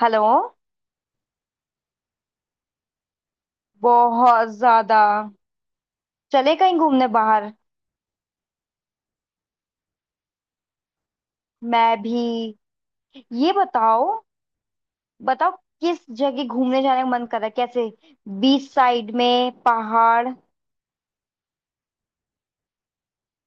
Hello. बहुत ज्यादा। चले कहीं घूमने बाहर। मैं भी। ये बताओ। बताओ किस जगह घूमने जाने का मन कर रहा है, कैसे? बीच साइड में पहाड़।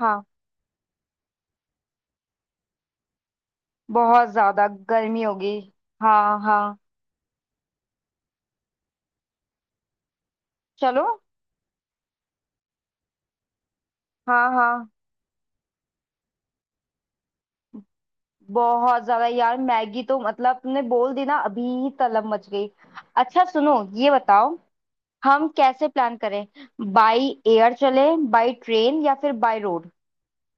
हाँ, बहुत ज्यादा गर्मी होगी। हाँ हाँ। चलो। हाँ हाँ। बहुत ज्यादा यार। मैगी तो मतलब तुमने बोल दी ना, अभी ही तलब मच गई। अच्छा सुनो। ये बताओ। हम कैसे प्लान करें? बाई एयर चले, बाई ट्रेन, या फिर बाई रोड,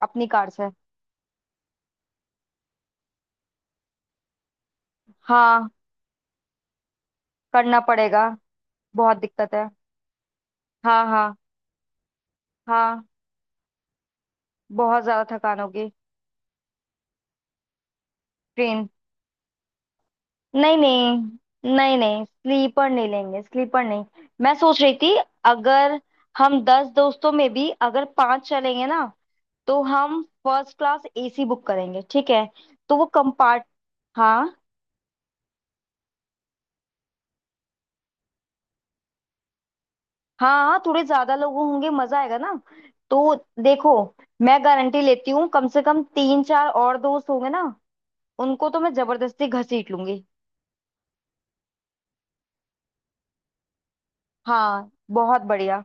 अपनी कार से। हाँ, करना पड़ेगा। बहुत दिक्कत है। हाँ हाँ। हाँ, बहुत ज्यादा थकान होगी। ट्रेन। नहीं नहीं। नहीं स्लीपर नहीं लेंगे, स्लीपर नहीं। मैं सोच रही थी अगर हम 10 दोस्तों में भी अगर पांच चलेंगे ना, तो हम फर्स्ट क्लास एसी बुक करेंगे। ठीक है, तो वो कंपार्ट। हाँ। हाँ हाँ, थोड़े ज्यादा लोग होंगे मजा आएगा ना। तो देखो, मैं गारंटी लेती हूँ कम से कम तीन चार और दोस्त होंगे ना, उनको तो मैं जबरदस्ती घसीट लूंगी। हाँ, बहुत बढ़िया।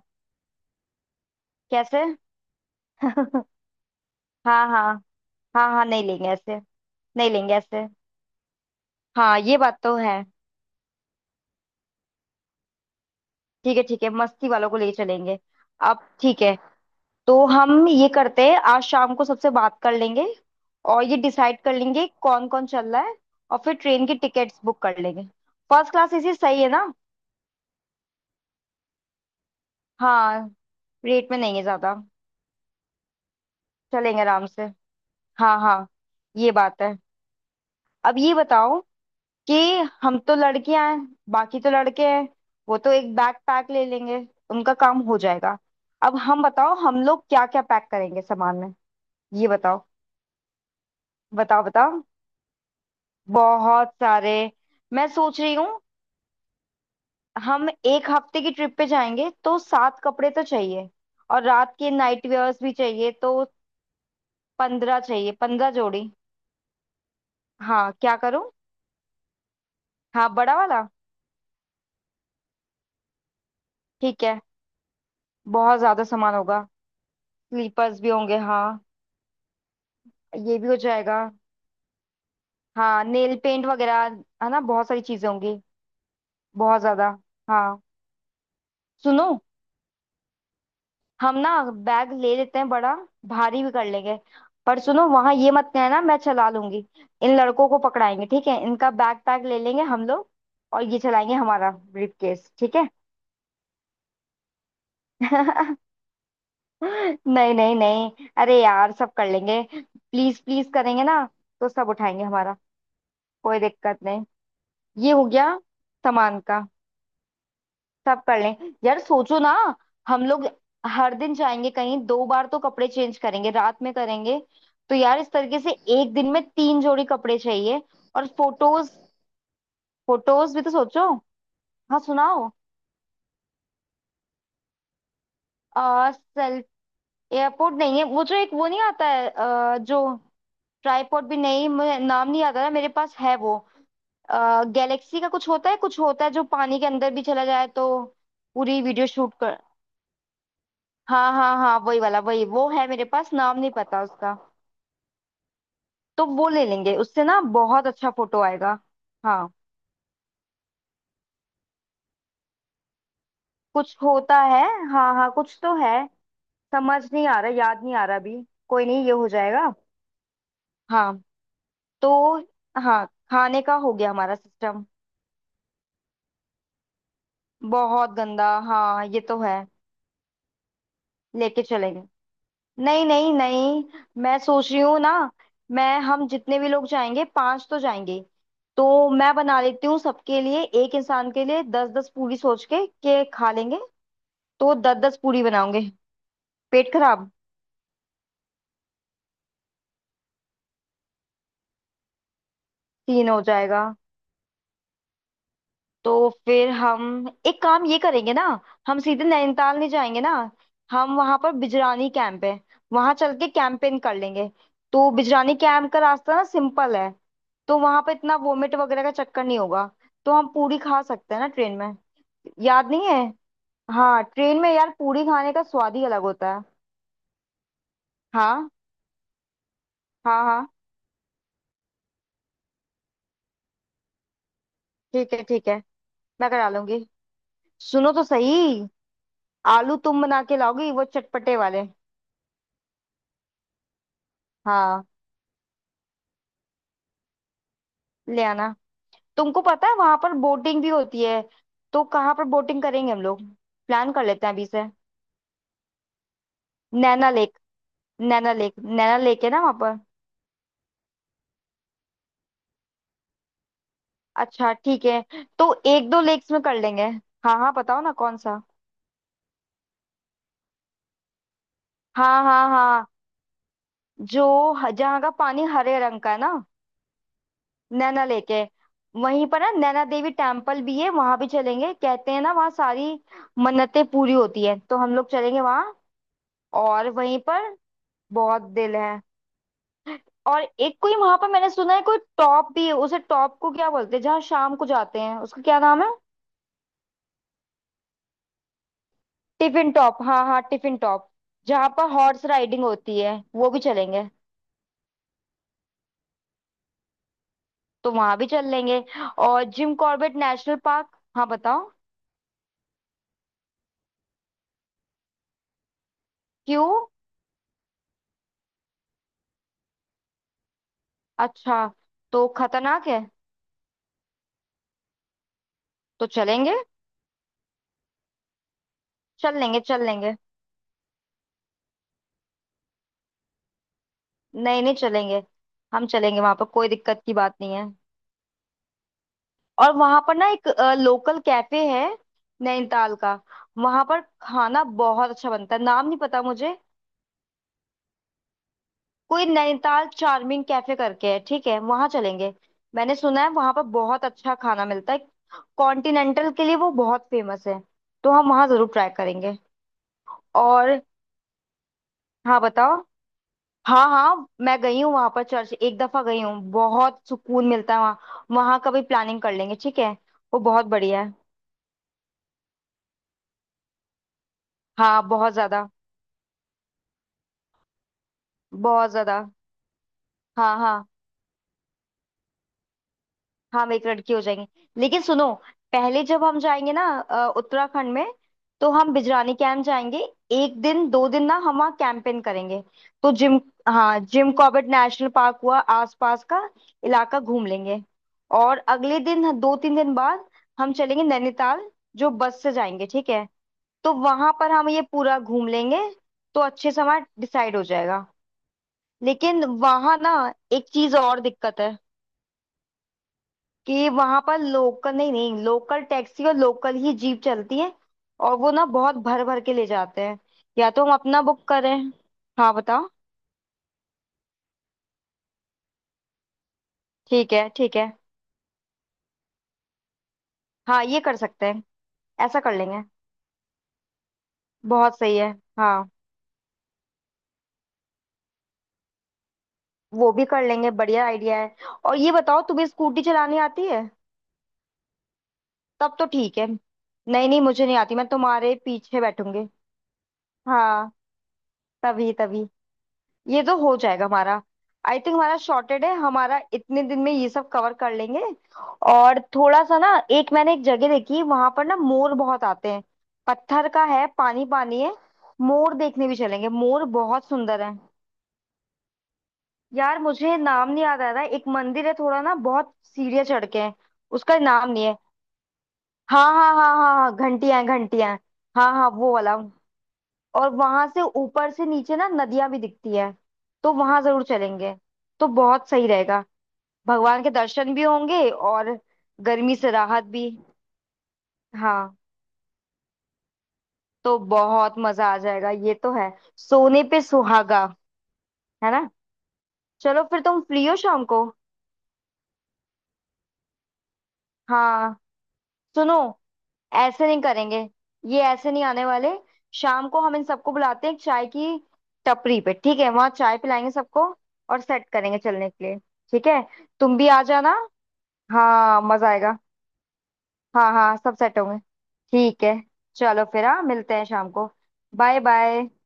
कैसे? हाँ। हाँ। हाँ हाँ, नहीं लेंगे ऐसे, नहीं लेंगे ऐसे। हाँ, ये बात तो है। ठीक है ठीक है, मस्ती वालों को ले चलेंगे। अब ठीक है, तो हम ये करते हैं आज शाम को सबसे बात कर लेंगे, और ये डिसाइड कर लेंगे कौन कौन चल रहा है, और फिर ट्रेन की टिकट्स बुक कर लेंगे। फर्स्ट क्लास इसी सही है ना। हाँ। रेट में नहीं है ज्यादा। चलेंगे आराम से। हाँ हाँ। ये बात है। अब ये बताओ कि हम तो लड़कियां हैं, बाकी तो लड़के हैं। वो तो एक बैग पैक ले लेंगे, उनका काम हो जाएगा। अब हम बताओ, हम लोग क्या क्या पैक करेंगे सामान में? ये बताओ। बताओ बताओ, बहुत सारे। मैं सोच रही हूँ हम एक हफ्ते की ट्रिप पे जाएंगे तो सात कपड़े तो चाहिए, और रात के नाइट वेयर्स भी चाहिए, तो 15 चाहिए, 15 जोड़ी। हाँ, क्या करूँ? हाँ, बड़ा वाला। ठीक है, बहुत ज्यादा सामान होगा, स्लीपर्स भी होंगे, हाँ। ये भी हो जाएगा। हाँ, नेल पेंट वगैरह, है ना, बहुत सारी चीजें होंगी। बहुत ज्यादा। हाँ सुनो, हम ना बैग ले लेते हैं बड़ा, भारी भी कर लेंगे, पर सुनो वहां ये मत कहना मैं चला लूंगी। इन लड़कों को पकड़ाएंगे, ठीक है, इनका बैग पैक ले लेंगे हम लोग, और ये चलाएंगे हमारा ब्रीफ केस, ठीक है। नहीं नहीं नहीं, अरे यार सब कर लेंगे, प्लीज प्लीज करेंगे ना, तो सब उठाएंगे हमारा, कोई दिक्कत नहीं। ये हो गया सामान का, सब कर लें। यार सोचो ना, हम लोग हर दिन जाएंगे कहीं, दो बार तो कपड़े चेंज करेंगे, रात में करेंगे, तो यार इस तरीके से एक दिन में तीन जोड़ी कपड़े चाहिए। और फोटोज, फोटोज भी तो सोचो। हाँ सुनाओ। आ, सेल एयरपोर्ट नहीं है, वो जो एक, वो नहीं आता है जो ट्राईपोर्ट, भी नहीं मुझे नाम नहीं आता ना, मेरे पास है वो। गैलेक्सी का कुछ होता है, कुछ होता है जो पानी के अंदर भी चला जाए, तो पूरी वीडियो शूट कर। हाँ हाँ हाँ, वही वाला, वही वो है मेरे पास, नाम नहीं पता उसका। तो वो ले लेंगे, उससे ना बहुत अच्छा फोटो आएगा। हाँ, कुछ होता है। हाँ हाँ कुछ तो है। समझ नहीं आ रहा, याद नहीं आ रहा अभी। कोई नहीं, ये हो जाएगा। हाँ। तो हाँ, खाने का हो गया हमारा सिस्टम। बहुत गंदा, हाँ ये तो है। लेके चलेंगे। नहीं नहीं नहीं, मैं सोच रही हूँ ना, मैं, हम जितने भी लोग जाएंगे पांच तो जाएंगे, तो मैं बना लेती हूँ सबके लिए, एक इंसान के लिए 10 10 पूरी सोच के खा लेंगे, तो 10 10 पूरी बनाऊंगे। पेट खराब। तीन हो जाएगा। तो फिर हम एक काम ये करेंगे ना, हम सीधे नैनीताल नहीं जाएंगे ना, हम वहां पर बिजरानी कैंप है, वहां चल के कैंपेन कर लेंगे, तो बिजरानी कैंप का रास्ता ना सिंपल है, तो वहां पर इतना वोमिट वगैरह का चक्कर नहीं होगा, तो हम पूरी खा सकते हैं ना ट्रेन में। याद नहीं है। हाँ, ट्रेन में यार पूरी खाने का स्वाद ही अलग होता है। हाँ हाँ हाँ। ठीक है ठीक है, मैं करा लूंगी। सुनो तो सही, आलू तुम बना के लाओगी, वो चटपटे वाले। हाँ, ले आना। तुमको पता है वहां पर बोटिंग भी होती है, तो कहाँ पर बोटिंग करेंगे हम लोग? प्लान कर लेते हैं अभी से। Naina lake. Naina lake, Naina lake है ना वहां पर। अच्छा ठीक है, तो एक दो लेक्स में कर लेंगे। हाँ हाँ बताओ ना कौन सा। हाँ हाँ हाँ। जो, जहाँ का पानी हरे रंग का है ना, नैना लेक है। वहीं पर ना नैना देवी टेम्पल भी है, वहां भी चलेंगे, कहते हैं ना वहाँ सारी मन्नतें पूरी होती है, तो हम लोग चलेंगे वहां। और वहीं पर, बहुत दिल है। और एक कोई वहां पर, मैंने सुना है कोई टॉप भी है, उसे टॉप को क्या बोलते हैं जहाँ शाम को जाते हैं, उसका क्या नाम है? टिफिन टॉप, हाँ हाँ टिफिन टॉप। जहाँ पर हॉर्स राइडिंग होती है, वो भी चलेंगे। तो वहां भी चल लेंगे। और जिम कॉर्बेट नेशनल पार्क। हाँ बताओ। क्यों? अच्छा, तो खतरनाक है। तो चलेंगे। चल लेंगे चल लेंगे, नहीं नहीं, चलेंगे हम, चलेंगे वहां पर, कोई दिक्कत की बात नहीं है। और वहां पर ना एक लोकल कैफे है, नैनीताल का, वहां पर खाना बहुत अच्छा बनता है, नाम नहीं पता मुझे, कोई नैनीताल चार्मिंग कैफे करके है, ठीक है, वहां चलेंगे। मैंने सुना है वहां पर बहुत अच्छा खाना मिलता है, कॉन्टिनेंटल के लिए वो बहुत फेमस है, तो हम वहां जरूर ट्राई करेंगे। और, हाँ बताओ। हाँ हाँ, मैं गई हूँ वहां पर चर्च, एक दफा गई हूँ, बहुत सुकून मिलता है वहाँ, वहां का भी प्लानिंग कर लेंगे, ठीक है। वो बहुत बढ़िया है। हाँ, बहुत ज्यादा। बहुत ज्यादा। हाँ हाँ, हम एक लड़की हो जाएंगे। लेकिन सुनो, पहले जब हम जाएंगे ना उत्तराखंड में, तो हम बिजरानी कैंप जाएंगे, एक दिन दो दिन ना हम वहाँ कैंपेन करेंगे, तो जिम, हाँ जिम कॉर्बेट नेशनल पार्क हुआ, आसपास का इलाका घूम लेंगे, और अगले दिन दो तीन दिन बाद हम चलेंगे नैनीताल, जो बस से जाएंगे, ठीक है। तो वहां पर हम ये पूरा घूम लेंगे, तो अच्छे से हमारा डिसाइड हो जाएगा। लेकिन वहां ना एक चीज और दिक्कत है, कि वहां पर लोकल, नहीं नहीं, लोकल टैक्सी और लोकल ही जीप चलती है, और वो ना बहुत भर भर के ले जाते हैं, या तो हम अपना बुक करें। हाँ बताओ। ठीक है ठीक है। हाँ ये कर सकते हैं। ऐसा कर लेंगे, बहुत सही है। हाँ। वो भी कर लेंगे, बढ़िया आइडिया है। और ये बताओ, तुम्हें स्कूटी चलानी आती है? तब तो ठीक है, नहीं नहीं मुझे नहीं आती, मैं तुम्हारे पीछे बैठूंगी। हाँ, तभी तभी। ये तो हो जाएगा हमारा, आई थिंक हमारा शॉर्टेड है, हमारा इतने दिन में ये सब कवर कर लेंगे। और थोड़ा सा ना, एक, मैंने एक जगह देखी वहां पर ना मोर बहुत आते हैं, पत्थर का है, पानी पानी है, मोर देखने भी चलेंगे, मोर बहुत सुंदर है। यार मुझे नाम नहीं याद आ रहा है। एक मंदिर है, थोड़ा ना बहुत सीढ़ियाँ चढ़ के हैं, उसका नाम नहीं है। हाँ हाँ हाँ हाँ हाँ, घंटियां हैं, घंटियां हैं। हाँ हाँ, वो वाला। और वहां से ऊपर से नीचे ना नदियां भी दिखती है, तो वहां जरूर चलेंगे, तो बहुत सही रहेगा, भगवान के दर्शन भी होंगे, और गर्मी से राहत भी। हाँ, तो बहुत मजा आ जाएगा ये तो है, सोने पे सुहागा। है ना। चलो फिर, तुम फ्री हो शाम को। हाँ सुनो, ऐसे नहीं करेंगे, ये ऐसे नहीं आने वाले, शाम को हम इन सबको बुलाते हैं एक चाय की टपरी पे, ठीक है, वहां चाय पिलाएंगे सबको और सेट करेंगे चलने के लिए। ठीक है, तुम भी आ जाना। हाँ मजा आएगा। हाँ हाँ सब सेट होंगे। ठीक है। चलो फिर, हाँ मिलते हैं शाम को। Bye bye.